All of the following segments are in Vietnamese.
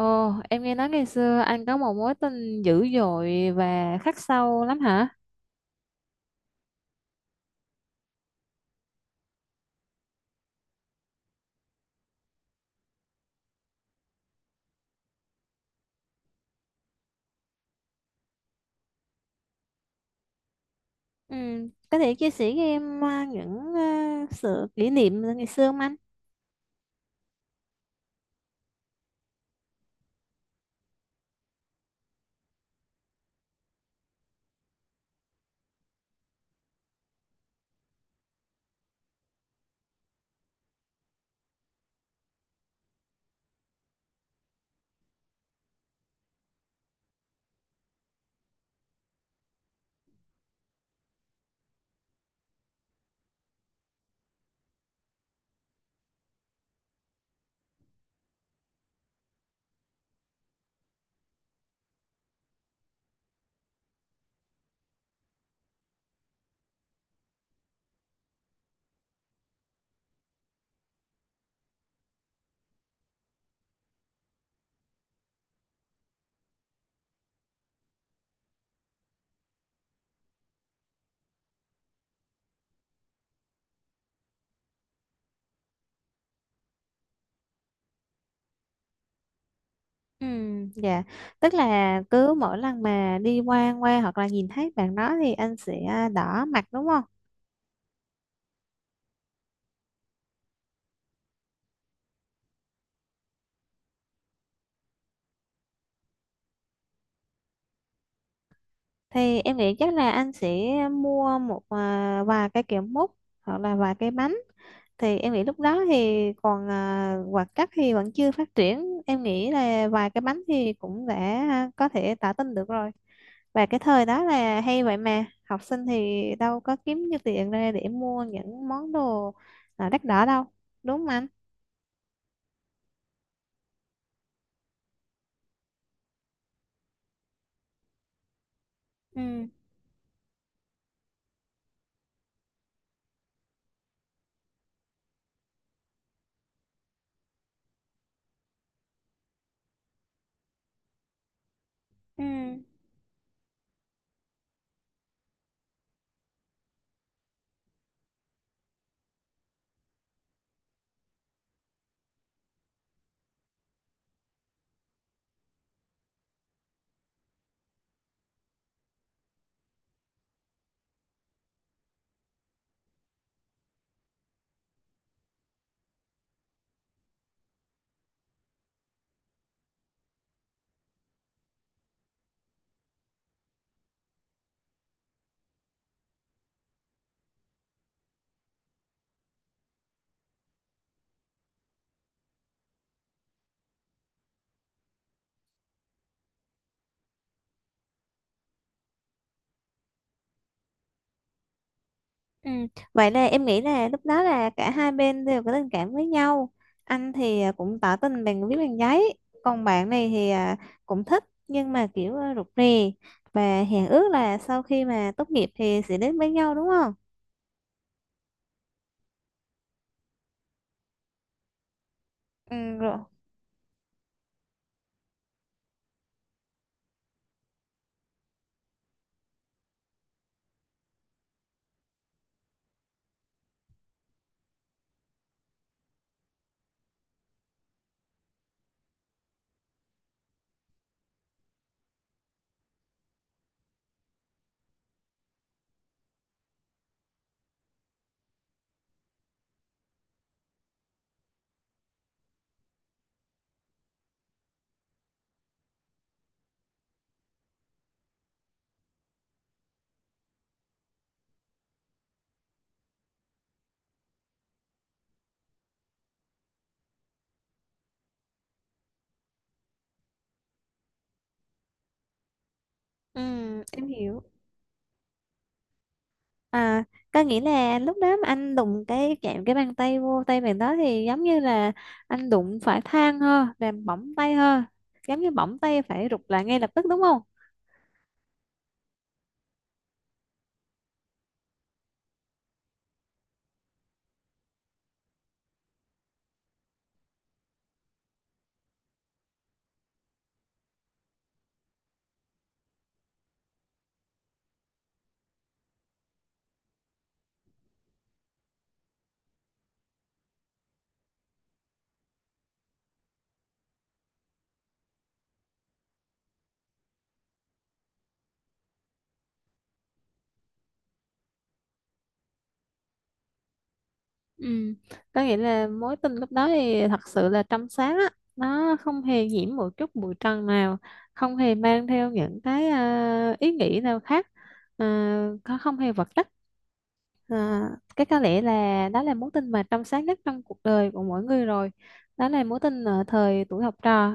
Ồ, em nghe nói ngày xưa anh có một mối tình dữ dội và khắc sâu lắm hả? Ừ, có thể chia sẻ với em những sự kỷ niệm ngày xưa không anh? Ừ, dạ. Tức là cứ mỗi lần mà đi qua qua hoặc là nhìn thấy bạn đó thì anh sẽ đỏ mặt đúng không? Thì em nghĩ chắc là anh sẽ mua một vài cái kẹo mút hoặc là vài cái bánh. Thì em nghĩ lúc đó thì còn hoạt chất thì vẫn chưa phát triển, em nghĩ là vài cái bánh thì cũng đã có thể tả tin được rồi. Và cái thời đó là hay vậy mà, học sinh thì đâu có kiếm nhiêu tiền ra để mua những món đồ đắt đỏ đâu, đúng không anh? Ừ. Vậy là em nghĩ là lúc đó là cả hai bên đều có tình cảm với nhau. Anh thì cũng tỏ tình bằng viết bằng giấy, còn bạn này thì cũng thích nhưng mà kiểu rụt rè và hẹn ước là sau khi mà tốt nghiệp thì sẽ đến với nhau đúng không? Ừ, rồi. Ừ, em hiểu. À, có nghĩa là lúc đó mà anh đụng cái chạm cái bàn tay vô tay bạn đó thì giống như là anh đụng phải than ha làm bỏng tay ha, giống như bỏng tay phải rụt lại ngay lập tức đúng không? Ừ. Có nghĩa là mối tình lúc đó thì thật sự là trong sáng á, nó không hề nhiễm một chút bụi trần nào, không hề mang theo những cái ý nghĩ nào khác, có không hề vật chất, à, cái có lẽ là đó là mối tình mà trong sáng nhất trong cuộc đời của mỗi người rồi. Đó là mối tình ở thời tuổi học trò.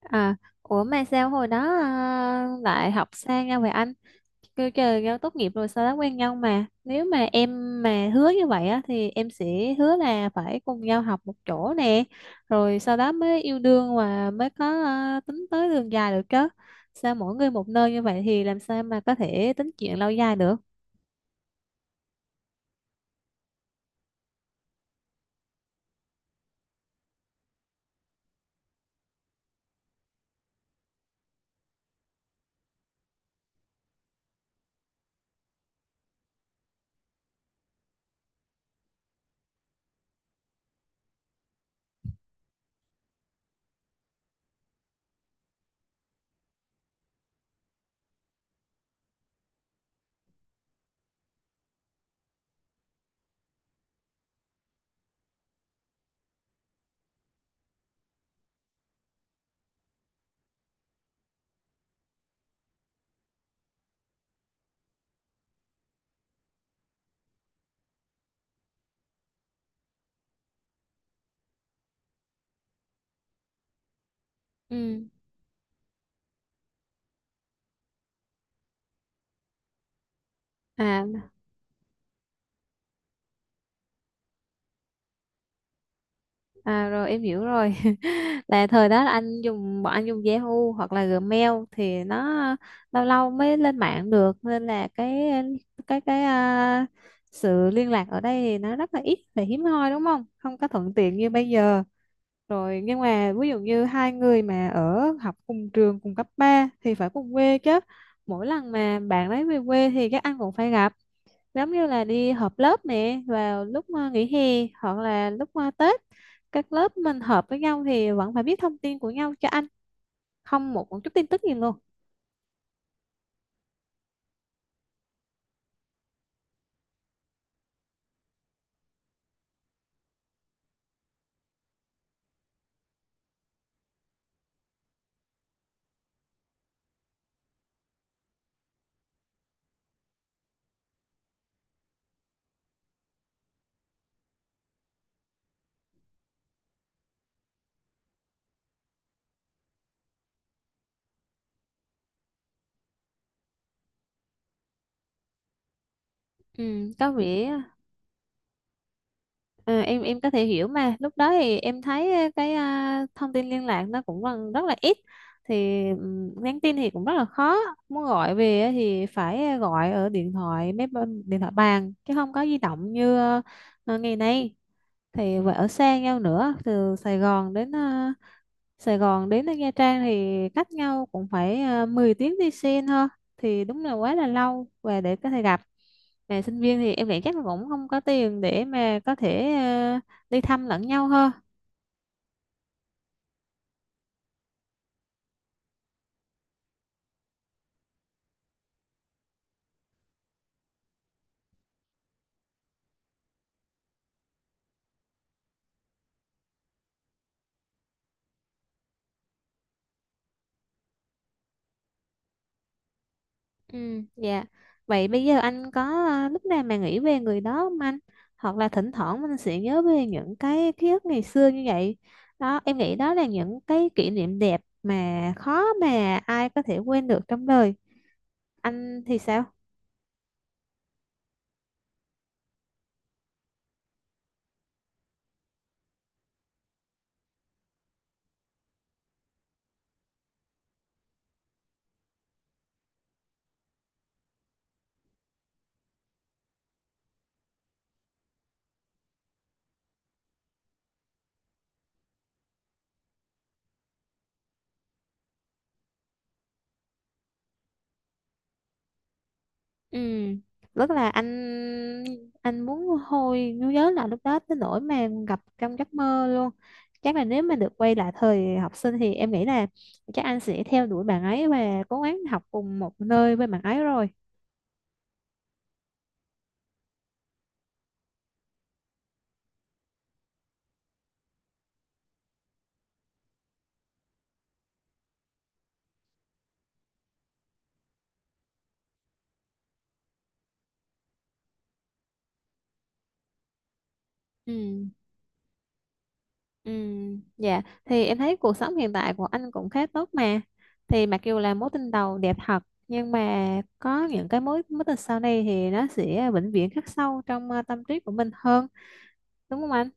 À, ủa mà sao hồi đó lại học xa nhau vậy anh? Kêu trời nhau tốt nghiệp rồi sao đã quen nhau mà. Nếu mà em mà hứa như vậy á thì em sẽ hứa là phải cùng nhau học một chỗ nè. Rồi sau đó mới yêu đương và mới có tính tới đường dài được chứ. Sao mỗi người một nơi như vậy thì làm sao mà có thể tính chuyện lâu dài được? Ừ. À. À, rồi em hiểu rồi là thời đó là anh dùng bọn anh dùng Yahoo hoặc là Gmail thì nó lâu lâu mới lên mạng được nên là cái cái à, sự liên lạc ở đây thì nó rất là ít và hiếm hoi đúng không, không có thuận tiện như bây giờ. Rồi nhưng mà ví dụ như hai người mà ở học cùng trường cùng cấp 3 thì phải cùng quê chứ. Mỗi lần mà bạn ấy về quê thì các anh cũng phải gặp, giống như là đi họp lớp nè vào lúc nghỉ hè hoặc là lúc Tết, các lớp mình hợp với nhau thì vẫn phải biết thông tin của nhau cho anh, không một một chút tin tức gì luôn. ừ, có vẻ ờ, em có thể hiểu mà lúc đó thì em thấy cái thông tin liên lạc nó cũng còn rất là ít, thì nhắn tin thì cũng rất là khó, muốn gọi về thì phải gọi ở điện thoại máy bên- điện thoại bàn chứ không có di động như ngày nay, thì phải ở xa nhau nữa từ Sài Gòn đến Nha Trang thì cách nhau cũng phải 10 tiếng đi xe thôi, thì đúng là quá là lâu và để có thể gặp, mà sinh viên thì em nghĩ chắc là cũng không có tiền để mà có thể đi thăm lẫn nhau thôi. Ừ, dạ. Vậy bây giờ anh có lúc nào mà nghĩ về người đó không anh? Hoặc là thỉnh thoảng mình sẽ nhớ về những cái ký ức ngày xưa như vậy. Đó, em nghĩ đó là những cái kỷ niệm đẹp mà khó mà ai có thể quên được trong đời. Anh thì sao? Ừ, rất là anh muốn hồi nhớ là lúc đó tới nỗi mà gặp trong giấc mơ luôn. Chắc là nếu mà được quay lại thời học sinh thì em nghĩ là chắc anh sẽ theo đuổi bạn ấy và cố gắng học cùng một nơi với bạn ấy rồi. Ừ, ừ, dạ. Thì em thấy cuộc sống hiện tại của anh cũng khá tốt mà. Thì mặc dù là mối tình đầu đẹp thật, nhưng mà có những cái mối mối tình sau này thì nó sẽ vĩnh viễn khắc sâu trong tâm trí của mình hơn, đúng không anh?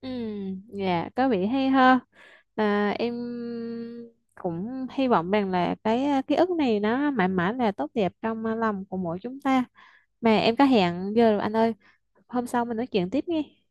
Ừ, dạ có vẻ hay ha. À, em cũng hy vọng rằng là cái ký ức này nó mãi mãi là tốt đẹp trong lòng của mỗi chúng ta. Mà em có hẹn giờ rồi anh ơi, hôm sau mình nói chuyện tiếp nghe.